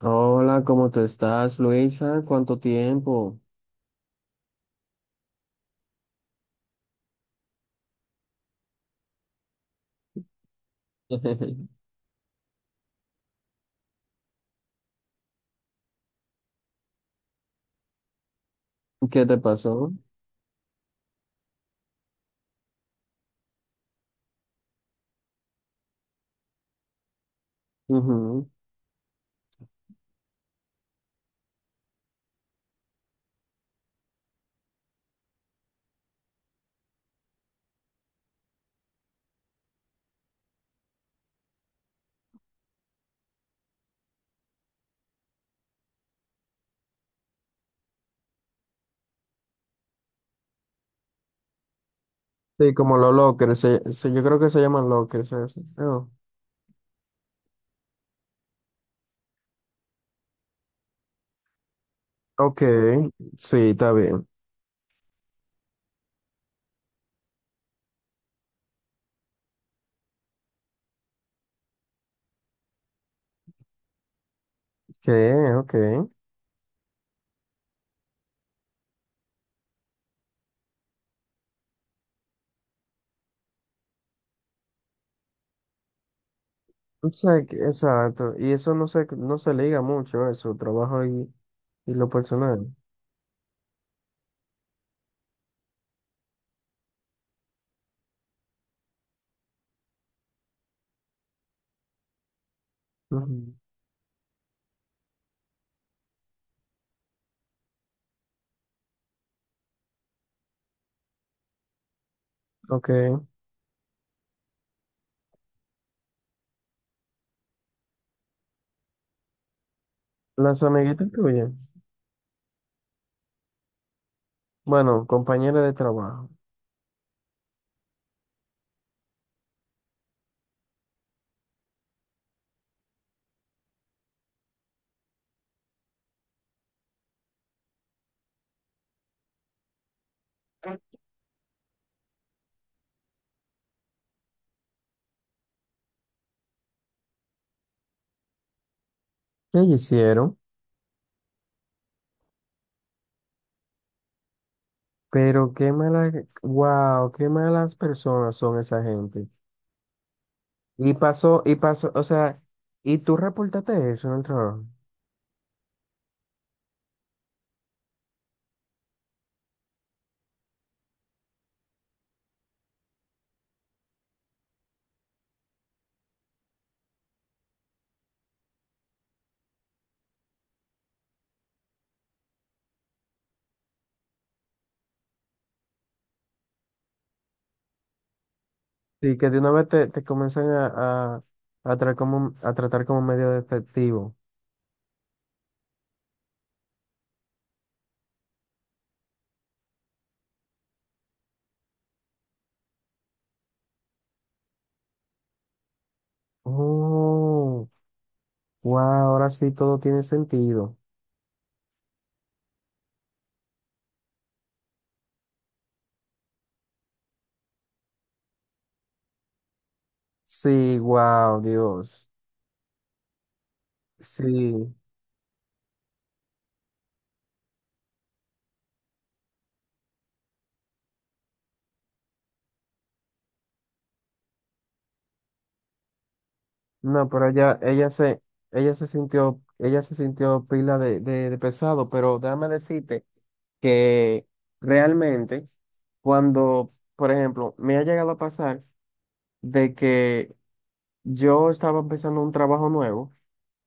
Hola, ¿cómo te estás, Luisa? ¿Cuánto tiempo? ¿Qué te pasó? Ujú. Sí, como los lockers, yo creo que se llaman lockers. Eso. Oh. Ok. Sí, está bien. ¿Qué? Ok. O sea, exacto. Y eso no se liga mucho, eso, trabajo y lo personal. Ujú. Ok. Las amiguitas tuyas, bueno, compañeras de trabajo, ¿qué hicieron? Pero qué malas, wow, qué malas personas son esa gente. Y pasó, o sea, y tú reportaste eso en el trabajo. Sí, que de una vez te comienzan a tratar como medio efectivo. Oh, wow, ahora sí todo tiene sentido. Sí, wow, Dios. Sí. No, pero ella, ella se sintió pila de pesado, pero déjame decirte que realmente cuando, por ejemplo, me ha llegado a pasar de que yo estaba empezando un trabajo nuevo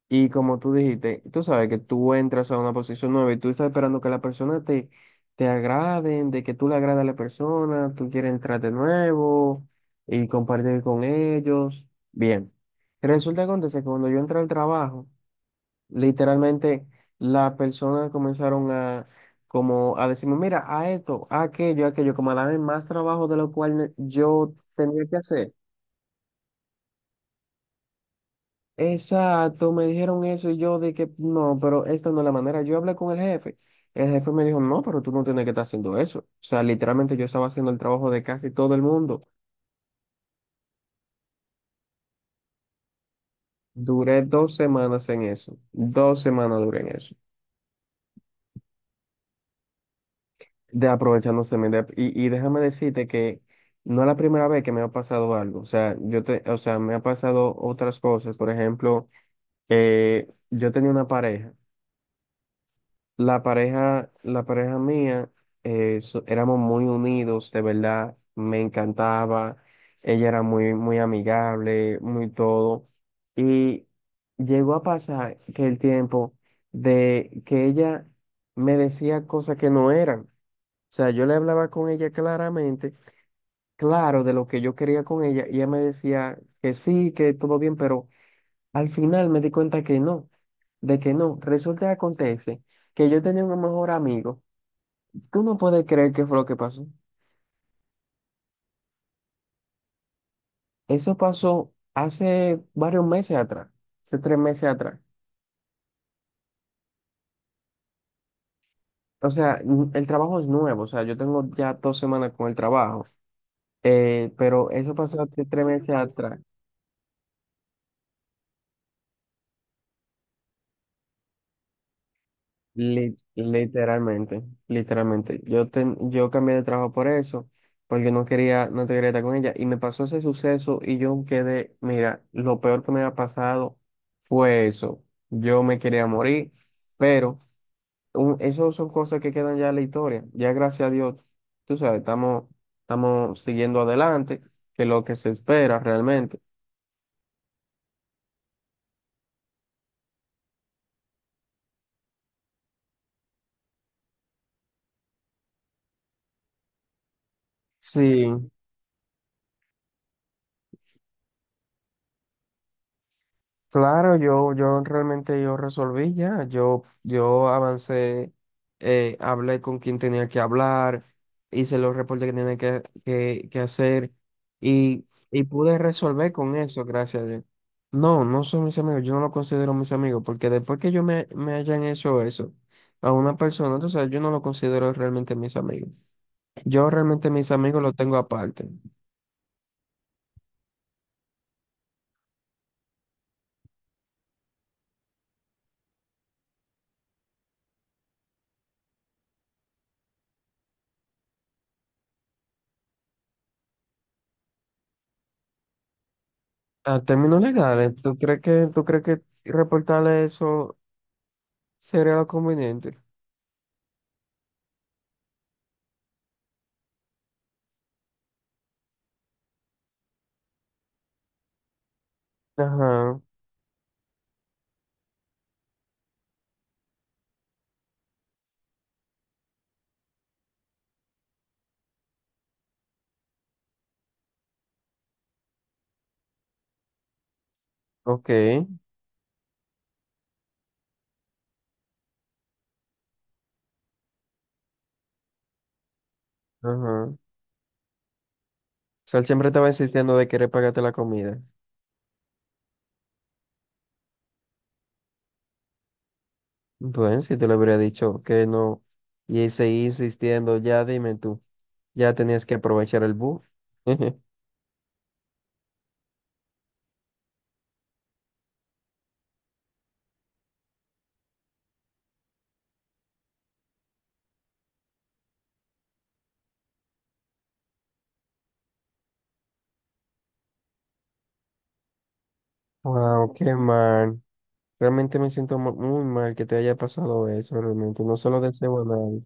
y como tú dijiste, tú sabes que tú entras a una posición nueva y tú estás esperando que la persona te agraden, de que tú le agrades a la persona, tú quieres entrar de nuevo y compartir con ellos. Bien, resulta que acontece que cuando yo entré al trabajo, literalmente las personas comenzaron a, como, a decirme, mira, a esto, a aquello, como a darme más trabajo de lo cual yo tenía que hacer. Exacto, me dijeron eso y yo de que no, pero esta no es la manera. Yo hablé con el jefe. El jefe me dijo, no, pero tú no tienes que estar haciendo eso. O sea, literalmente yo estaba haciendo el trabajo de casi todo el mundo. Duré 2 semanas en eso. 2 semanas duré en eso. De aprovechándose. Y déjame decirte que no es la primera vez que me ha pasado algo. O sea, o sea, me ha pasado otras cosas. Por ejemplo, yo tenía una pareja. La pareja mía, éramos muy unidos, de verdad, me encantaba, ella era muy, muy amigable, muy todo, y llegó a pasar que el tiempo de que ella me decía cosas que no eran, o sea, yo le hablaba con ella claramente, claro, de lo que yo quería con ella, y ella me decía que sí, que todo bien, pero al final me di cuenta que no, de que no. Resulta que acontece que yo tenía un mejor amigo. Tú no puedes creer qué fue lo que pasó. Eso pasó hace varios meses atrás, hace 3 meses atrás. O sea, el trabajo es nuevo, o sea, yo tengo ya 2 semanas con el trabajo, pero eso pasó hace 3 meses atrás. Literalmente, literalmente. Yo cambié de trabajo por eso, porque no quería, no te quería estar con ella. Y me pasó ese suceso y yo quedé, mira, lo peor que me había pasado fue eso. Yo me quería morir, pero eso son cosas que quedan ya en la historia. Ya gracias a Dios, tú sabes, estamos siguiendo adelante, que es lo que se espera realmente. Sí. Claro, yo realmente yo resolví ya, yo avancé, hablé con quien tenía que hablar, hice los reportes que tenía que hacer y, y pude resolver con eso, gracias a Dios. No, no son mis amigos, yo no lo considero mis amigos, porque después que yo me hayan hecho eso a una persona, entonces yo no lo considero realmente mis amigos. Yo realmente mis amigos los tengo aparte. A términos legales, ¿tú crees que reportarle eso? Sería lo conveniente. Ajá, ok, ajá. O sea, él siempre estaba insistiendo de querer pagarte la comida. Bueno, si te lo hubiera dicho que no, y él seguía insistiendo, ya dime tú, ya tenías que aprovechar el bus. Wow, qué mal. Realmente me siento muy mal que te haya pasado eso, realmente. No se lo deseo a nadie.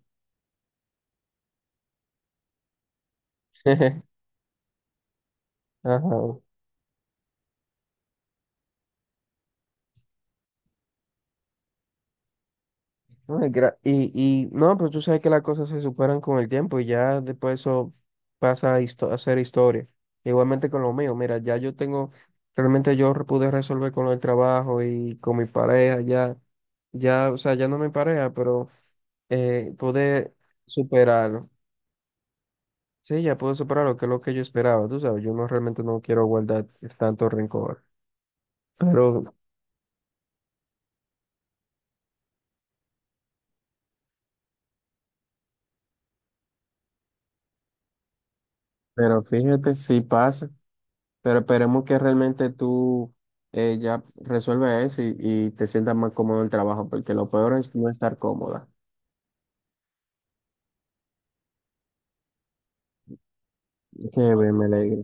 Ajá. No. Y no, pero tú sabes que las cosas se superan con el tiempo y ya después eso pasa a ser historia. Igualmente con lo mío, mira, ya realmente pude resolver con el trabajo y con mi pareja, ya, ya, o sea, ya no mi pareja, pero pude superarlo. Sí, ya pude superarlo, que es lo que yo esperaba, tú sabes, yo no realmente no quiero guardar tanto rencor. Pero Pero fíjate si pasa. Pero esperemos que realmente tú ya resuelvas eso y te sientas más cómodo en el trabajo, porque lo peor es no estar cómoda. Qué bien, me alegro.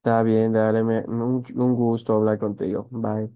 Está bien, dale, un gusto hablar contigo. Bye.